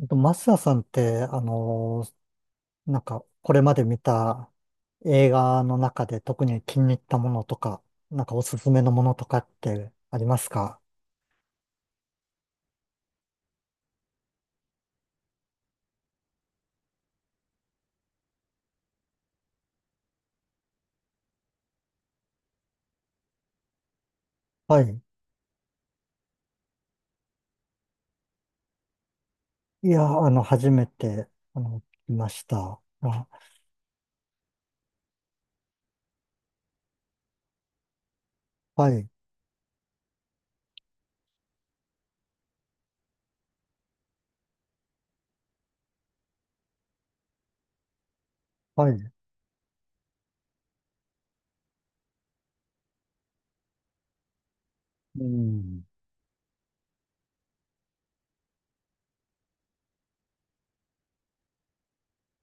マスヤさんって、なんか、これまで見た映画の中で特に気に入ったものとか、なんかおすすめのものとかってありますか？はい。いや、初めて、聞きました。あ、はい、はい、うん、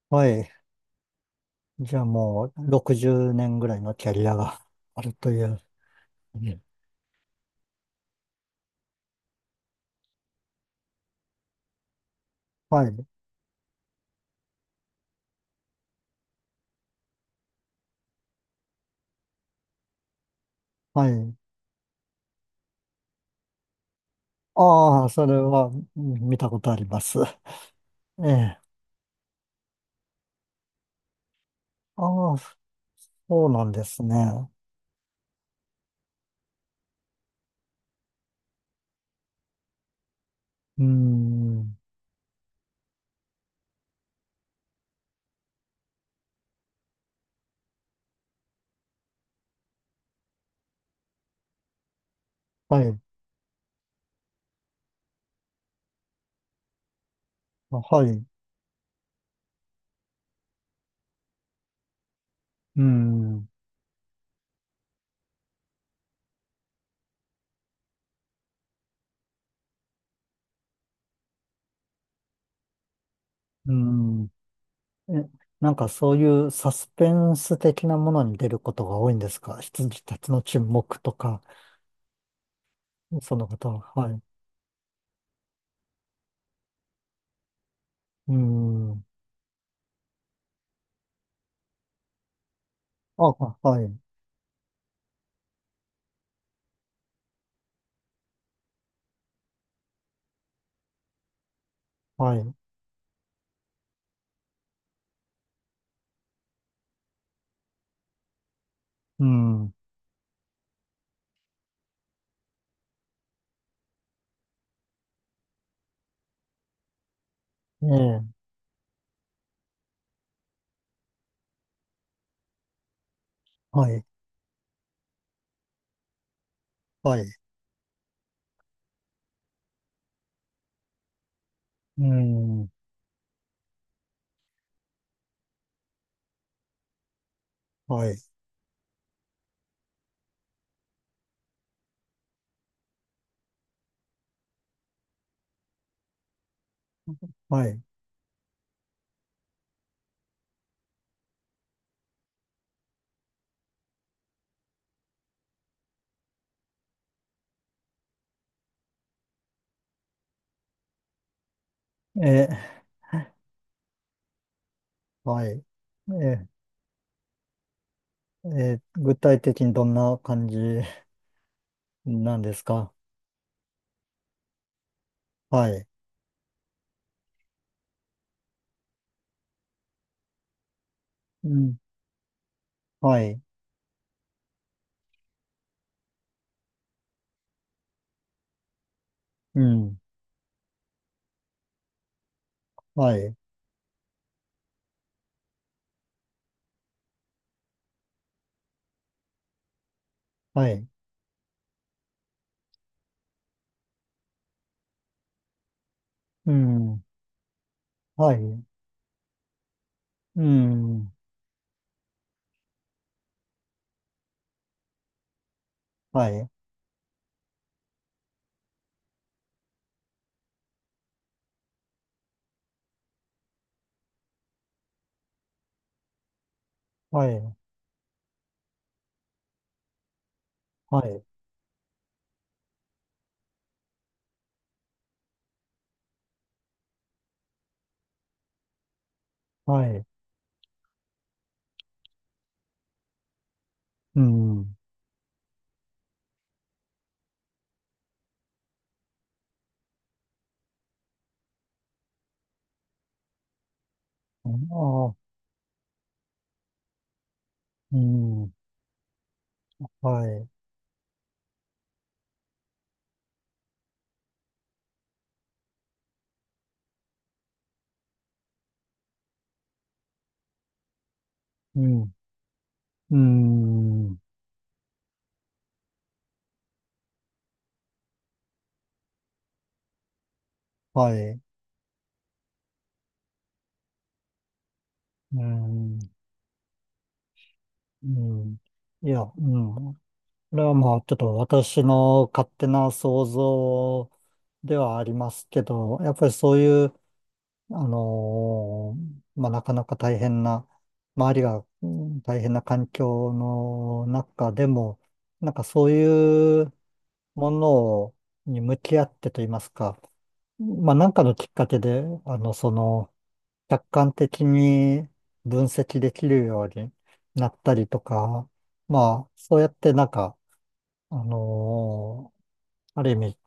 はい。じゃあもう、60年ぐらいのキャリアが あるという。うんはい、はい。ああ、それは見たことあります。ええ。ああ、そうなんですね。うーん。はい。あはい。うーん。うーん。え、なんかそういうサスペンス的なものに出ることが多いんですか？羊たちの沈黙とか、そのことは。はい。うーん。あ、あはい。はい。うーん。ええ。はい。はい。うーん。はい。はい。ええ。はい。ええ。ええ、具体的にどんな感じなんですか？はい。うん。はい。うん。はい。はい。うん。はい。うん。はい。はい。はい。はい。うん。ああ、うん。はい。うん。うん。はい。うん。うん。いや、うん。これはまあ、ちょっと私の勝手な想像ではありますけど、やっぱりそういうあのまあ、なかなか大変な、周りが大変な環境の中でも、なんかそういうものをに向き合ってと言いますか、まあ、なんかのきっかけで、その、客観的に分析できるようになったりとか、まあ、そうやってなんか、あのーある意味、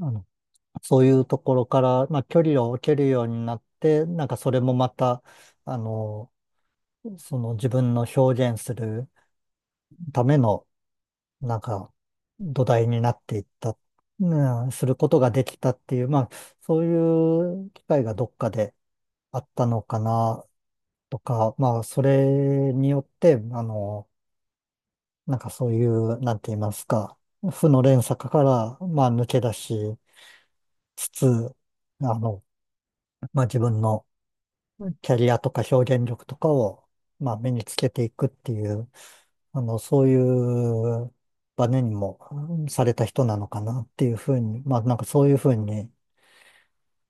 あのそういうところから、まあ、距離を置けるようになって、なんかそれもまた、あの、その自分の表現するための、なんか土台になっていった、うん、することができたっていう、まあ、そういう機会がどっかであったのかな、とか、まあ、それによって、なんかそういう、なんて言いますか、負の連鎖から、まあ、抜け出しつつ、あの、まあ、自分のキャリアとか表現力とかを、まあ、身につけていくっていう、そういうバネにもされた人なのかなっていうふうに、まあ、なんかそういうふうに、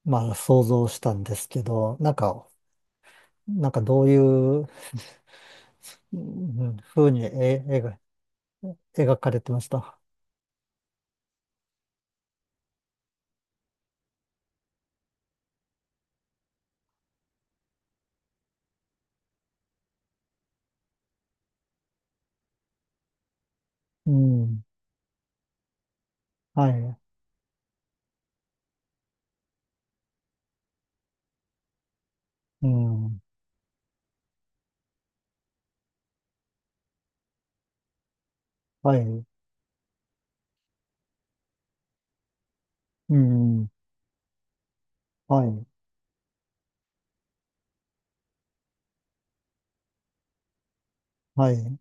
まあ、想像したんですけど、なんか、どういう、うふうに描かれてました。うん。はい。うん。はい。うん。はい。はい。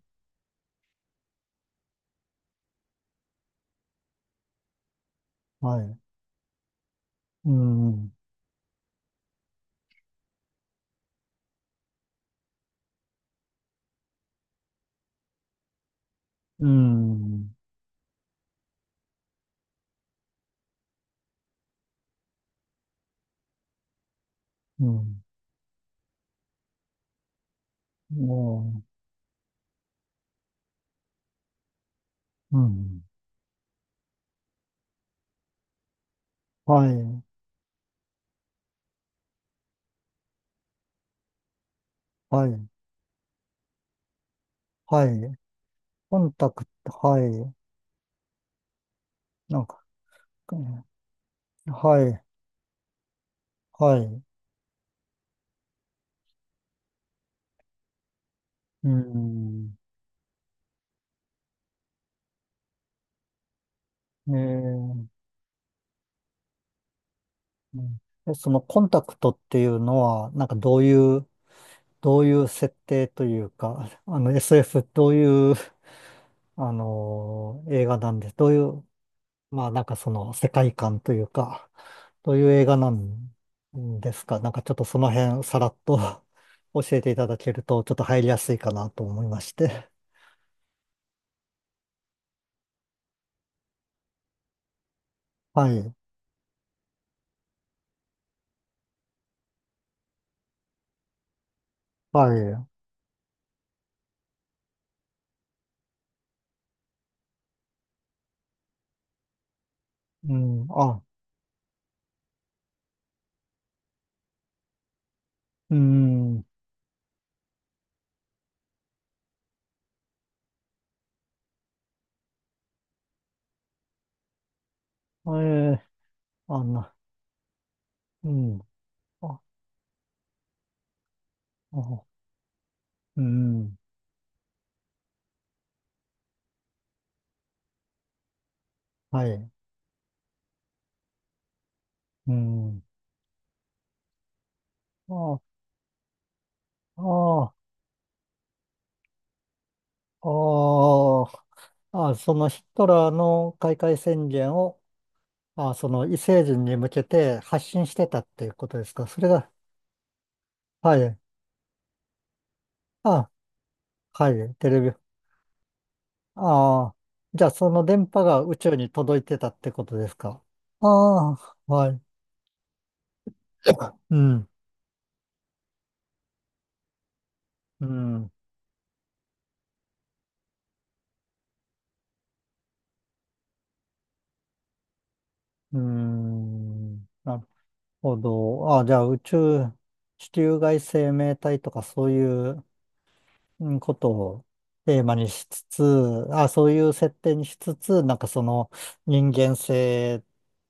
はい。うん。うん。うん。もう、うん。はい。はい、はい。コンタクト、はい。なんか、うんはい、はい。うん。ねえーうんそのコンタクトっていうのは、なんかどういう設定というか、SF どういう、映画なんで、どういう、まあなんかその世界観というか、どういう映画なんですか？なんかちょっとその辺さらっと 教えていただけると、ちょっと入りやすいかなと思いまして。はい、はい。うん、あ、うん、ええ、あんな、うん、あ、あ、うん、はい、うん、あ、あ、あ、あ、そのヒトラーの開会宣言を、あ、その異星人に向けて発信してたっていうことですか？それが、はい、あ、はい、テレビ、ああ、じゃあその電波が宇宙に届いてたってことですか？ああ、はい、うん、うん、うん、なるほど。あ、じゃあ宇宙、地球外生命体とかそういううんことをテーマにしつつ、あ、そういう設定にしつつ、なんかその人間性、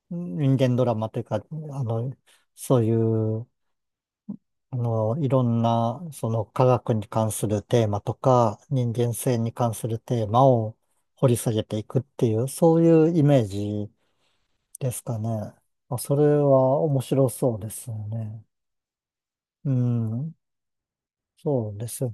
人間ドラマというか、の、そういう、いろんな、その科学に関するテーマとか、人間性に関するテーマを掘り下げていくっていう、そういうイメージですかね。まあ、それは面白そうですよね。うん。そうです。